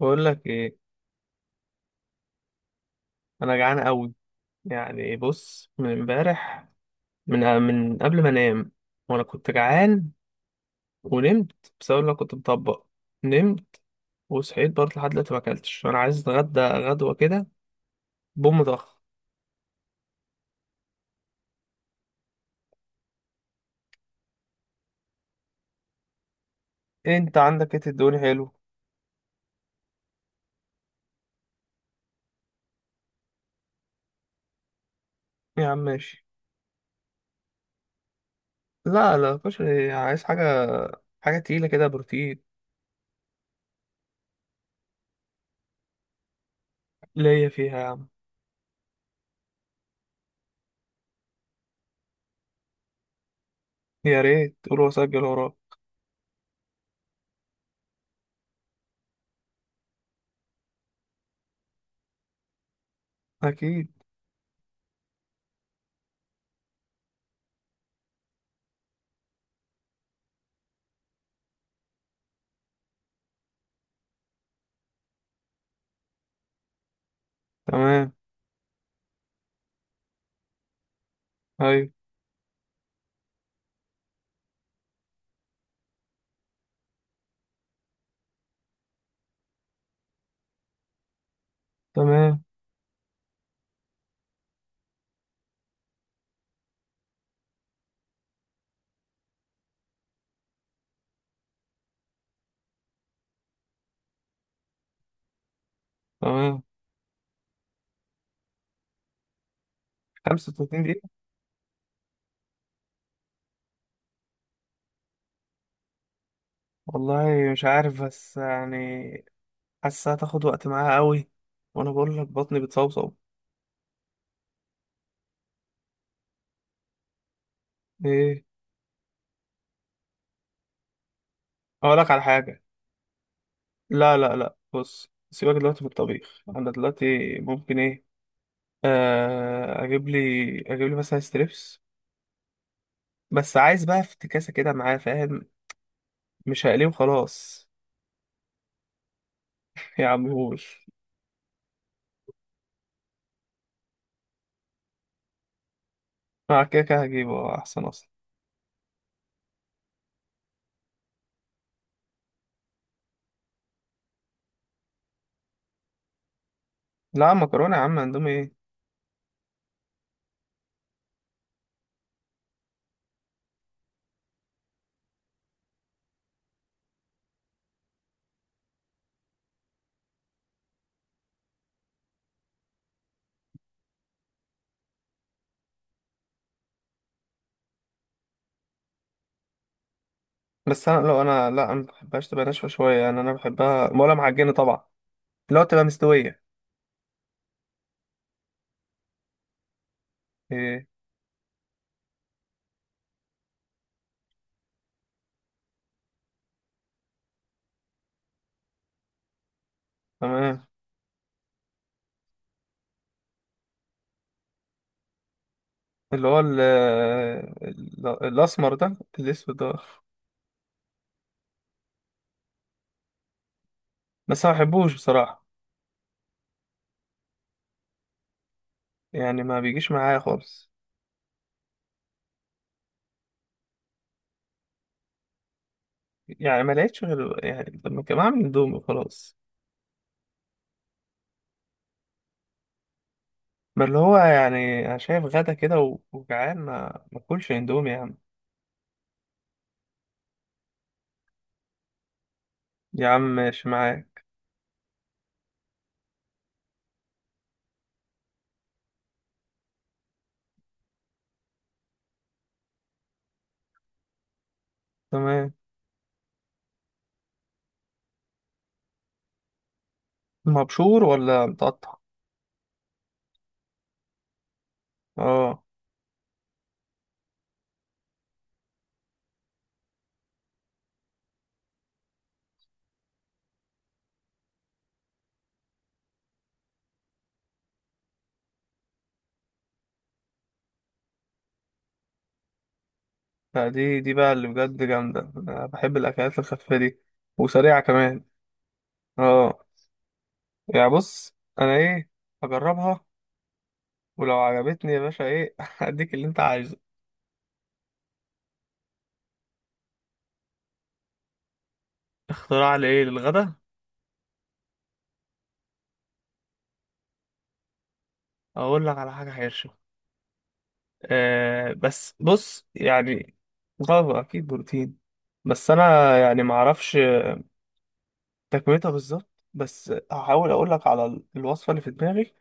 بقول لك ايه. انا جعان قوي. يعني بص، من امبارح، من قبل ما انام وانا كنت جعان، ونمت بسبب إن انا كنت مطبق، نمت وصحيت برضه لحد دلوقتي ما اكلتش. انا عايز اتغدى غدوه كده بوم ضخ. انت عندك ايه تدوني حلو؟ يا عم ماشي. لا لا، مش عايز حاجه، حاجه تقيله كده بروتين. ليا فيها يا عم. يا ريت قول واسجل وراك. اكيد. تمام. ايوه. تمام. تمام. 35 دقيقة. والله مش عارف، بس يعني حاسة هتاخد وقت معاها قوي، وانا بقول لك بطني بتصوصو. ايه؟ اقول لك على حاجة. لا لا لا، بص سيبك دلوقتي في الطبيخ، انا دلوقتي ممكن ايه، آه اجيب لي اجيب لي مثلا ستريبس، بس عايز بقى افتكاسة كده معاه فاهم، مش هقليه وخلاص. يا عمهوش، مع كده كده هجيبه، احسن اصلا. لا مكرونة يا عم، اندومي ايه! بس انا لو انا لا انا ما بحبهاش تبقى ناشفة شوية، يعني انا بحبها ولا معجنة طبعا، لو تبقى مستوية. إيه؟ تمام. اللي هو الأسمر ده الأسود ده. بس ما بحبوش بصراحة، يعني ما بيجيش معايا خالص. يعني ما لقيتش غير، يعني لما كان بعمل اندومي خلاص. ما اللي هو يعني أنا شايف غدا كده وجعان، ما أكلش اندومي يا عم. يا عم ماشي معاك. تمام. مبشور ولا متقطع؟ اه. لا دي بقى اللي بجد جامدة، أنا بحب الأكلات الخفيفة دي، وسريعة كمان. اه يعني بص أنا إيه، هجربها، ولو عجبتني يا باشا ايه هديك اللي انت عايزه. اختراع لايه للغدا؟ اقول لك على حاجه حرشه. بس بص يعني، غدا اكيد بروتين. بس انا يعني ما اعرفش تكملتها بالظبط، بس هحاول اقول لك على الوصفه اللي في دماغي.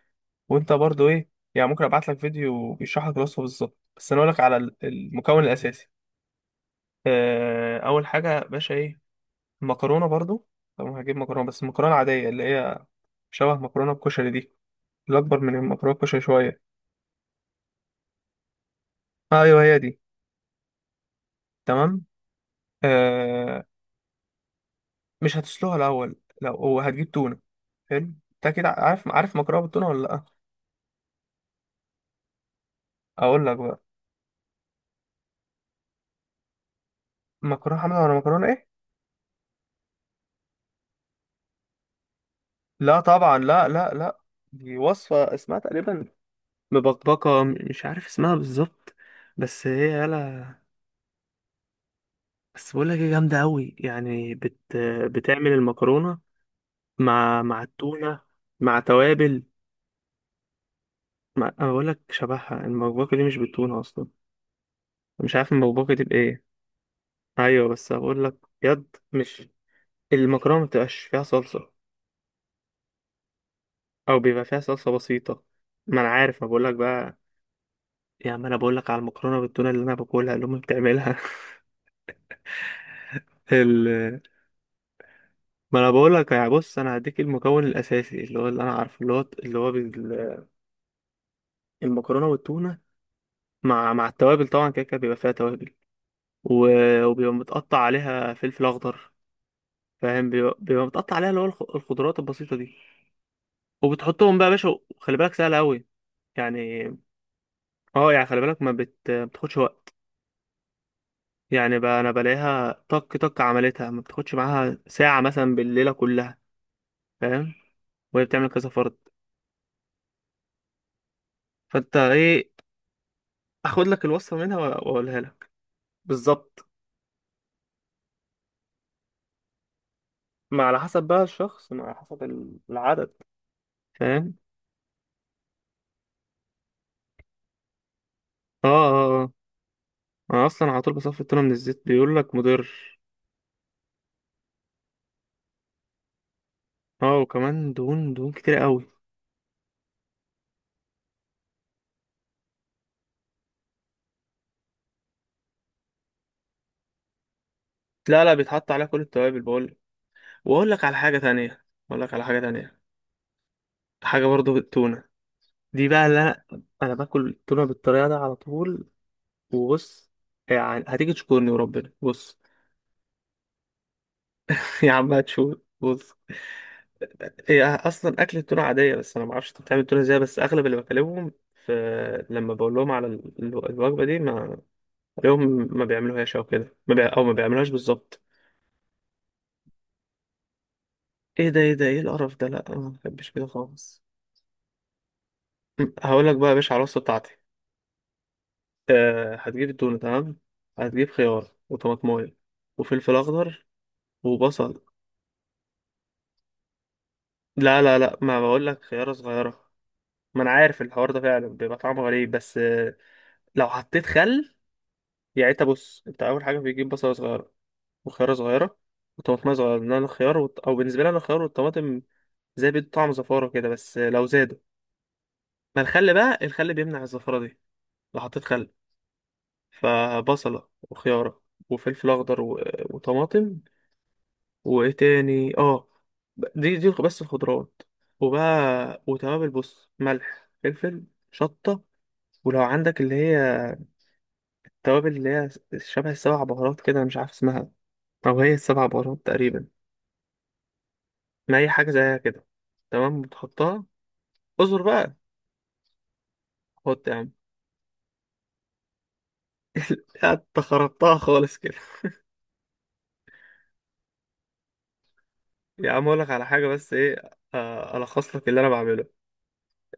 وانت برضو ايه يعني، ممكن ابعت لك فيديو بيشرح لك الوصفه بالظبط، بس انا اقول لك على المكون الاساسي. اول حاجه يا باشا ايه، المكرونه برضو. طبعا هجيب مكرونه، بس المكرونه العاديه اللي هي شبه مكرونه الكشري دي، الأكبر من المتراكش شوية. آه، أيوه هي دي. تمام. آه مش هتسلقها الأول، لو هو هتجيب تونة. حلو. أنت كده عارف مكرونة بالتونة ولا لأ؟ أقول لك بقى. مكرونة حمرا ولا مكرونة إيه؟ لا طبعا، لا لا لا، دي وصفة اسمها تقريبا مبكبكة، مش عارف اسمها بالظبط. بس هي يلا، بس بقول لك ايه جامدة أوي، يعني بتعمل المكرونة مع التونة مع توابل أنا بقول لك شبهها المبكبكة دي مش بالتونة أصلا، مش عارف المبكبكة دي بإيه. ايوه بس هقول لك، بجد مش المكرونه ما بتبقاش فيها صلصه، او بيبقى فيها صلصه بسيطه. ما انا عارف، ما بقول لك بقى. يا عم انا بقول لك على المكرونه بالتونه اللي انا باكلها، اللي امي بتعملها. ال... ما انا بقول لك، يا بص انا هديك المكون الاساسي اللي هو اللي انا عارفه اللي هو المكرونه والتونه مع التوابل طبعا، كده كده بيبقى فيها توابل، و... وبيبقى متقطع عليها فلفل اخضر، فاهم؟ بيبقى متقطع عليها اللي هو الخضروات البسيطه دي، وبتحطهم بقى يا باشا، وخلي بالك سهله قوي يعني. اه يعني خلي بالك، ما بتاخدش وقت. يعني انا بلاقيها طق طق عملتها، ما بتاخدش معاها ساعة مثلا بالليلة كلها، فاهم؟ وهي بتعمل كذا فرد. فانت ايه، اخد لك الوصفة منها واقولها لك بالظبط. ما على حسب بقى الشخص، ما على حسب العدد. فاهم. اه اه اه. انا اصلا على طول بصفي التونة من الزيت، بيقول لك مضر. اه، وكمان دهون، دهون كتير قوي. لا لا، بيتحط عليها كل التوابل بقول، واقول لك على حاجة تانية، اقول لك على حاجة تانية، حاجة برضو بالتونة. دي بقى اللي انا باكل تونه بالطريقه ده على طول. وبص يعني هتيجي تشكرني وربنا، بص. يا عم هتشوف بص. هي اصلا اكل التونه عاديه، بس انا ما اعرفش انت بتعمل التونه ازاي، بس اغلب اللي بكلمهم في، لما بقول لهم على الوجبه دي، ما اليوم، ما بيعملوهاش او كده، ما بي... او ما بيعملوهاش بالظبط. ايه ده، ايه ده، ايه القرف ده! لا ما بحبش كده خالص. هقول لك بقى يا باشا على الوصفه بتاعتي. هتجيب التونه، تمام، هتجيب خيار وطماطمايه وفلفل اخضر وبصل. لا لا لا، ما بقول لك خيارة صغيرة. ما انا عارف الحوار ده فعلا بيبقى طعمه غريب، بس لو حطيت خل، يعني انت بص، انت اول حاجة بيجيب بصلة صغيرة وخيارة صغيرة وطماطم صغيرة، لان انا الخيار او بالنسبة لي انا الخيار والطماطم زي بيدوا طعم زفارة كده، بس لو زادوا، ما الخل بقى، الخل بيمنع الزفارة دي لو حطيت خل. فبصلة وخيارة وفلفل اخضر وطماطم، وايه تاني اه، دي بس الخضروات. وبقى وتوابل، بص: ملح، فلفل، شطة. ولو عندك اللي هي التوابل اللي هي شبه السبع بهارات كده، أنا مش عارف اسمها، أو هي السبع بهارات تقريبا، ما هي حاجة زيها كده. تمام بتحطها. اصبر بقى. حط يا عم. يا انت خربتها خالص كده! يا عم أقولك على حاجة بس إيه، ألخص لك اللي أنا بعمله.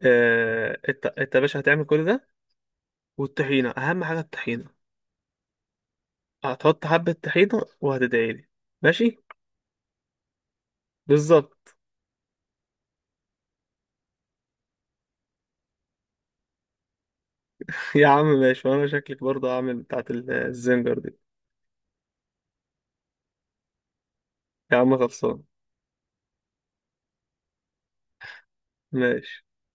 أنت يا باشا هتعمل كل ده، والطحينة أهم حاجة الطحينة، هتحط حبة طحينة وهتدعيلي. ماشي. بالظبط. يا عم ماشي، وأنا شكلك برضه هعمل بتاعت الزنجر دي. يا عم خلصان. ماشي.